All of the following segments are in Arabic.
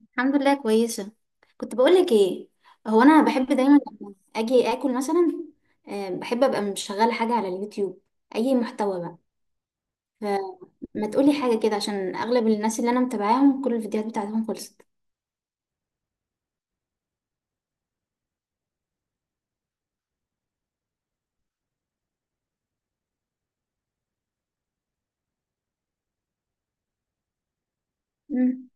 الحمد لله كويسة. كنت بقولك ايه؟ هو انا بحب دايما لما اجي اكل مثلا. آه، بحب ابقى مشغلة حاجة على اليوتيوب، اي محتوى بقى. فما تقولي حاجة كده عشان اغلب الناس اللي انا متابعاهم كل الفيديوهات بتاعتهم خلصت. امم.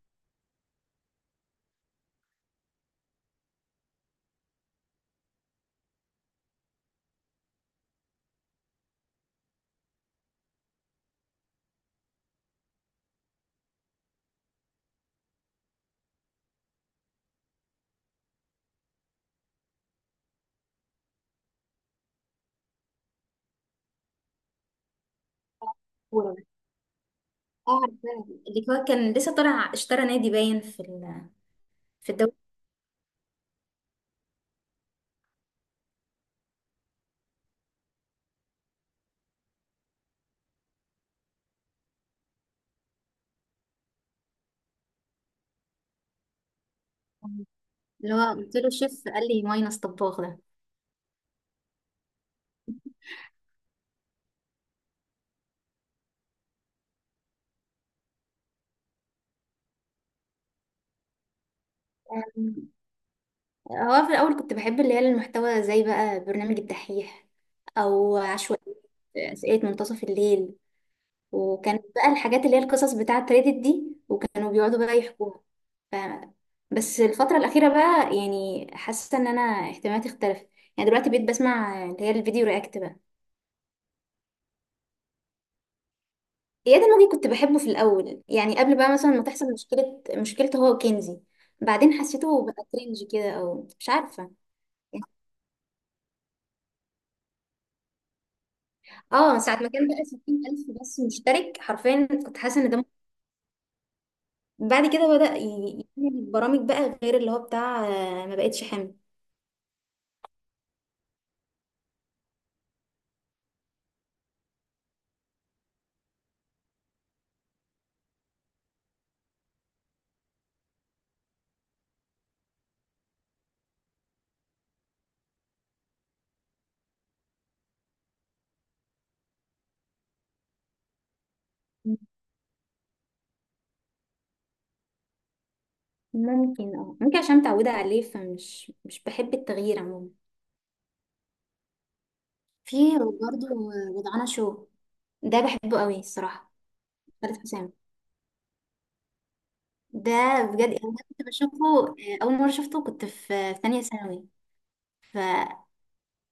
كورة. اه، عارفاه. اللي هو كان لسه طالع اشترى نادي باين في الدوري. اللي هو قلت له الشيف قال لي ماينس طباخ. ده هو في الأول كنت بحب اللي هي المحتوى زي بقى برنامج الدحيح، أو عشوائية، أسئلة منتصف الليل. وكانت بقى الحاجات اللي هي القصص بتاعة ريدت دي وكانوا بيقعدوا بقى يحكوها. ف... بس الفترة الأخيرة بقى يعني حاسة إن أنا اهتماماتي اختلفت. يعني دلوقتي بقيت بسمع اللي هي الفيديو رياكت بقى. إياد الموجي كنت بحبه في الأول يعني قبل بقى مثلا ما تحصل مشكلة مشكلته هو وكنزي. بعدين حسيته بقى كرنج كده أو مش عارفة. اه، ساعة ما كان بقى 60,000 بس مشترك، حرفيا كنت حاسة بعد كده بدأ يعمل برامج بقى غير اللي هو بتاع ما بقتش حامل. ممكن عشان متعودة عليه فمش مش بحب التغيير عموما. في برضه وضعنا شو، ده بحبه قوي الصراحة. خالد حسام، ده بجد انا ده كنت بشوفه. اول مرة شفته كنت في تانية ثانوي. ف...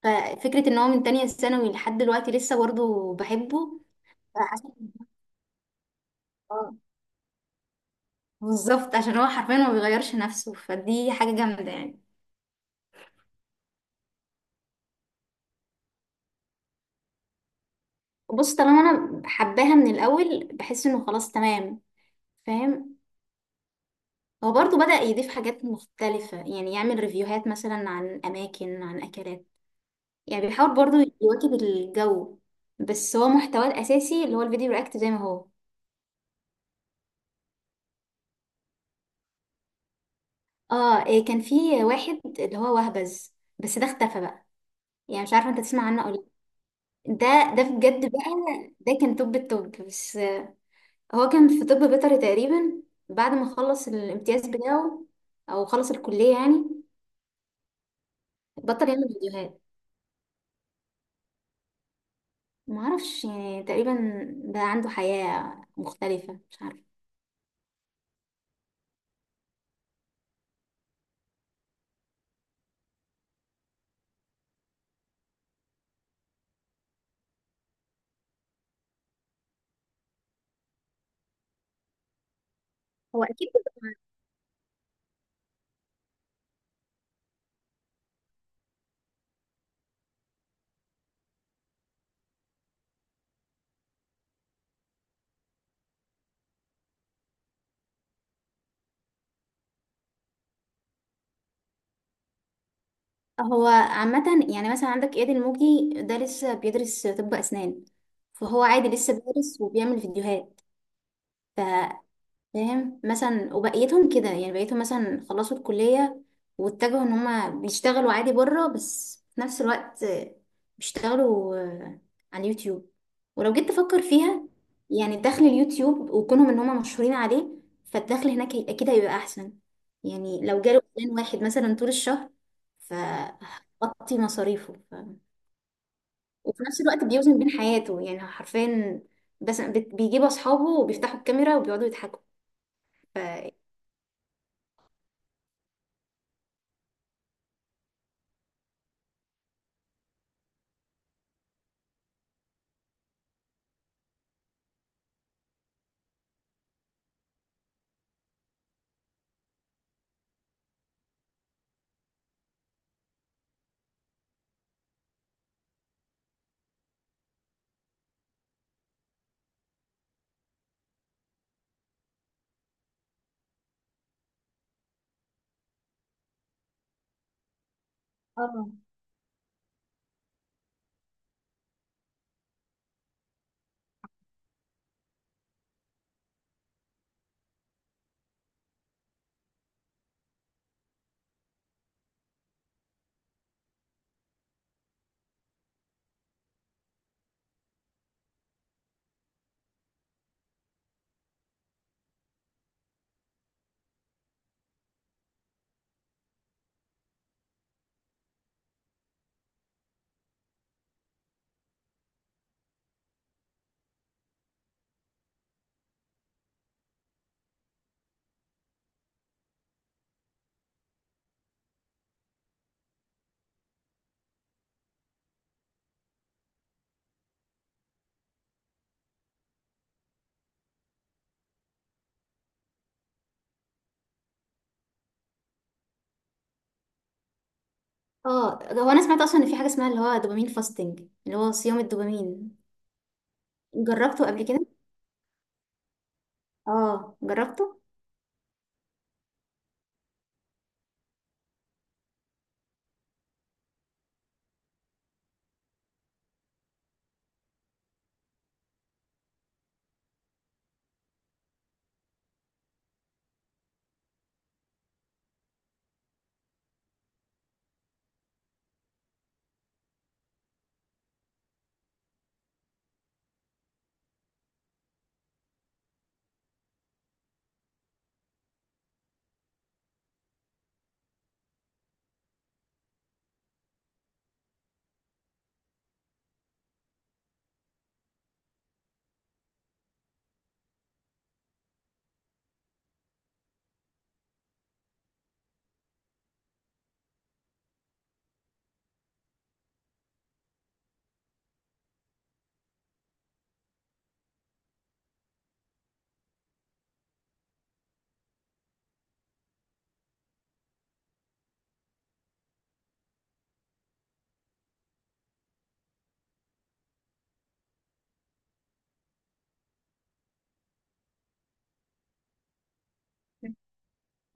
ففكرة ان هو من تانية ثانوي لحد دلوقتي لسه برضه بحبه، فحسيت. بالظبط عشان هو حرفيا ما بيغيرش نفسه فدي حاجة جامدة يعني. بص طالما انا حباها من الاول بحس انه خلاص تمام، فاهم. هو برضو بدأ يضيف حاجات مختلفة يعني يعمل ريفيوهات مثلا عن اماكن عن اكلات، يعني بيحاول برضو يواكب الجو. بس هو محتواه الاساسي اللي هو الفيديو رياكت زي ما هو. اه، إيه كان في واحد اللي هو وهبز بس ده اختفى بقى، يعني مش عارفة انت تسمع عنه ولا لأ. ده ده بجد بقى، ده كان توب التوب. بس هو كان في طب بيطري تقريبا. بعد ما خلص الامتياز بتاعه او خلص الكلية يعني، بطل يعمل فيديوهات. ما اعرفش، يعني تقريبا بقى عنده حياة مختلفة، مش عارفة. هو اكيد بيبقى- هو عامة، يعني مثلا عندك اياد الموجي ده لسه بيدرس طب اسنان، فهو عادي لسه بيدرس وبيعمل فيديوهات. فاهم، مثلا وبقيتهم كده يعني بقيتهم مثلا خلصوا الكلية واتجهوا ان هما بيشتغلوا عادي بره، بس في نفس الوقت بيشتغلوا على اليوتيوب. ولو جيت تفكر فيها، يعني دخل اليوتيوب وكونهم ان هما مشهورين عليه فالدخل هناك اكيد هيبقى احسن. يعني لو جاله اعلان واحد مثلا طول الشهر فهغطي مصاريفه. وفي نفس الوقت بيوزن بين حياته، يعني حرفيا بس بيجيبوا اصحابه وبيفتحوا الكاميرا وبيقعدوا يضحكوا. ف... اه، ده هو انا سمعت اصلا ان في حاجه اسمها اللي هو دوبامين فاستنج، اللي هو صيام الدوبامين. جربته قبل كده. اه، جربته.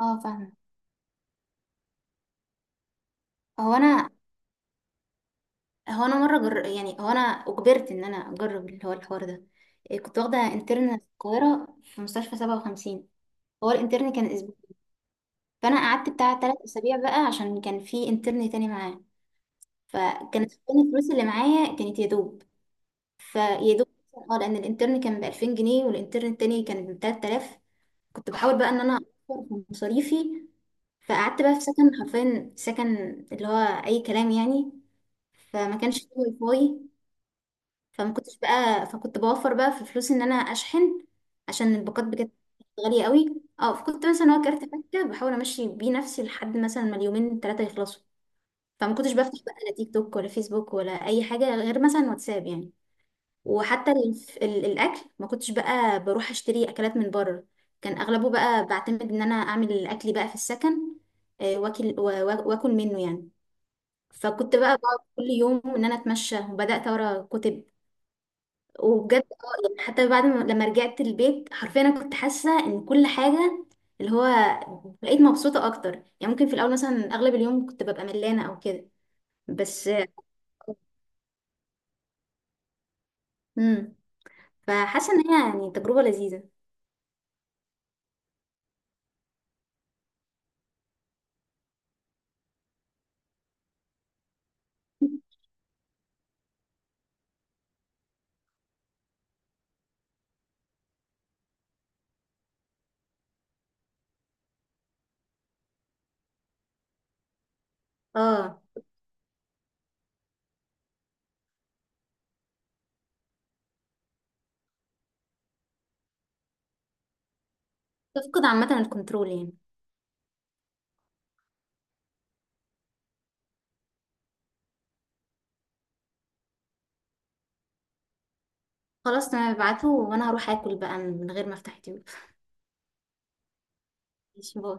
اه، فاهمه. هو انا هو انا يعني هو انا اجبرت ان انا اجرب اللي هو الحوار ده. إيه، كنت واخده انترن في القاهره في مستشفى 57. هو الانترن كان اسبوع، فانا قعدت بتاع 3 اسابيع بقى عشان كان في انترن تاني معاه. فكانت كل الفلوس اللي معايا كانت يا دوب، فيا دوب، اه لان الانترن كان ب 2000 جنيه والانترن التاني كان ب 3000. كنت بحاول بقى ان انا اوفر في مصاريفي. فقعدت بقى في سكن، حرفيا سكن اللي هو اي كلام يعني. فما كانش فيه واي فاي، فما كنتش بقى فكنت بوفر بقى في فلوس ان انا اشحن عشان الباقات بجد غالية قوي. اه، فكنت مثلا هو كارت فكة بحاول امشي بيه نفسي لحد مثلا ما اليومين ثلاثة يخلصوا. فما كنتش بفتح بقى لا تيك توك ولا فيسبوك ولا اي حاجة غير مثلا واتساب يعني. وحتى الاكل ما كنتش بقى بروح اشتري اكلات من بره، كان اغلبه بقى بعتمد ان انا اعمل اكلي بقى في السكن واكل منه يعني. فكنت بقى بقعد كل يوم ان انا اتمشى وبدات اقرا كتب، وبجد يعني حتى بعد ما لما رجعت البيت حرفيا انا كنت حاسه ان كل حاجه اللي هو بقيت مبسوطه اكتر. يعني ممكن في الاول مثلا اغلب اليوم كنت ببقى ملانه او كده، بس امم فحاسه ان هي يعني تجربه لذيذه. اه، تفقد عامة الكنترول يعني. خلاص تمام، ابعته وانا هروح اكل بقى من غير ما افتح يوتيوب. ماشي، باي.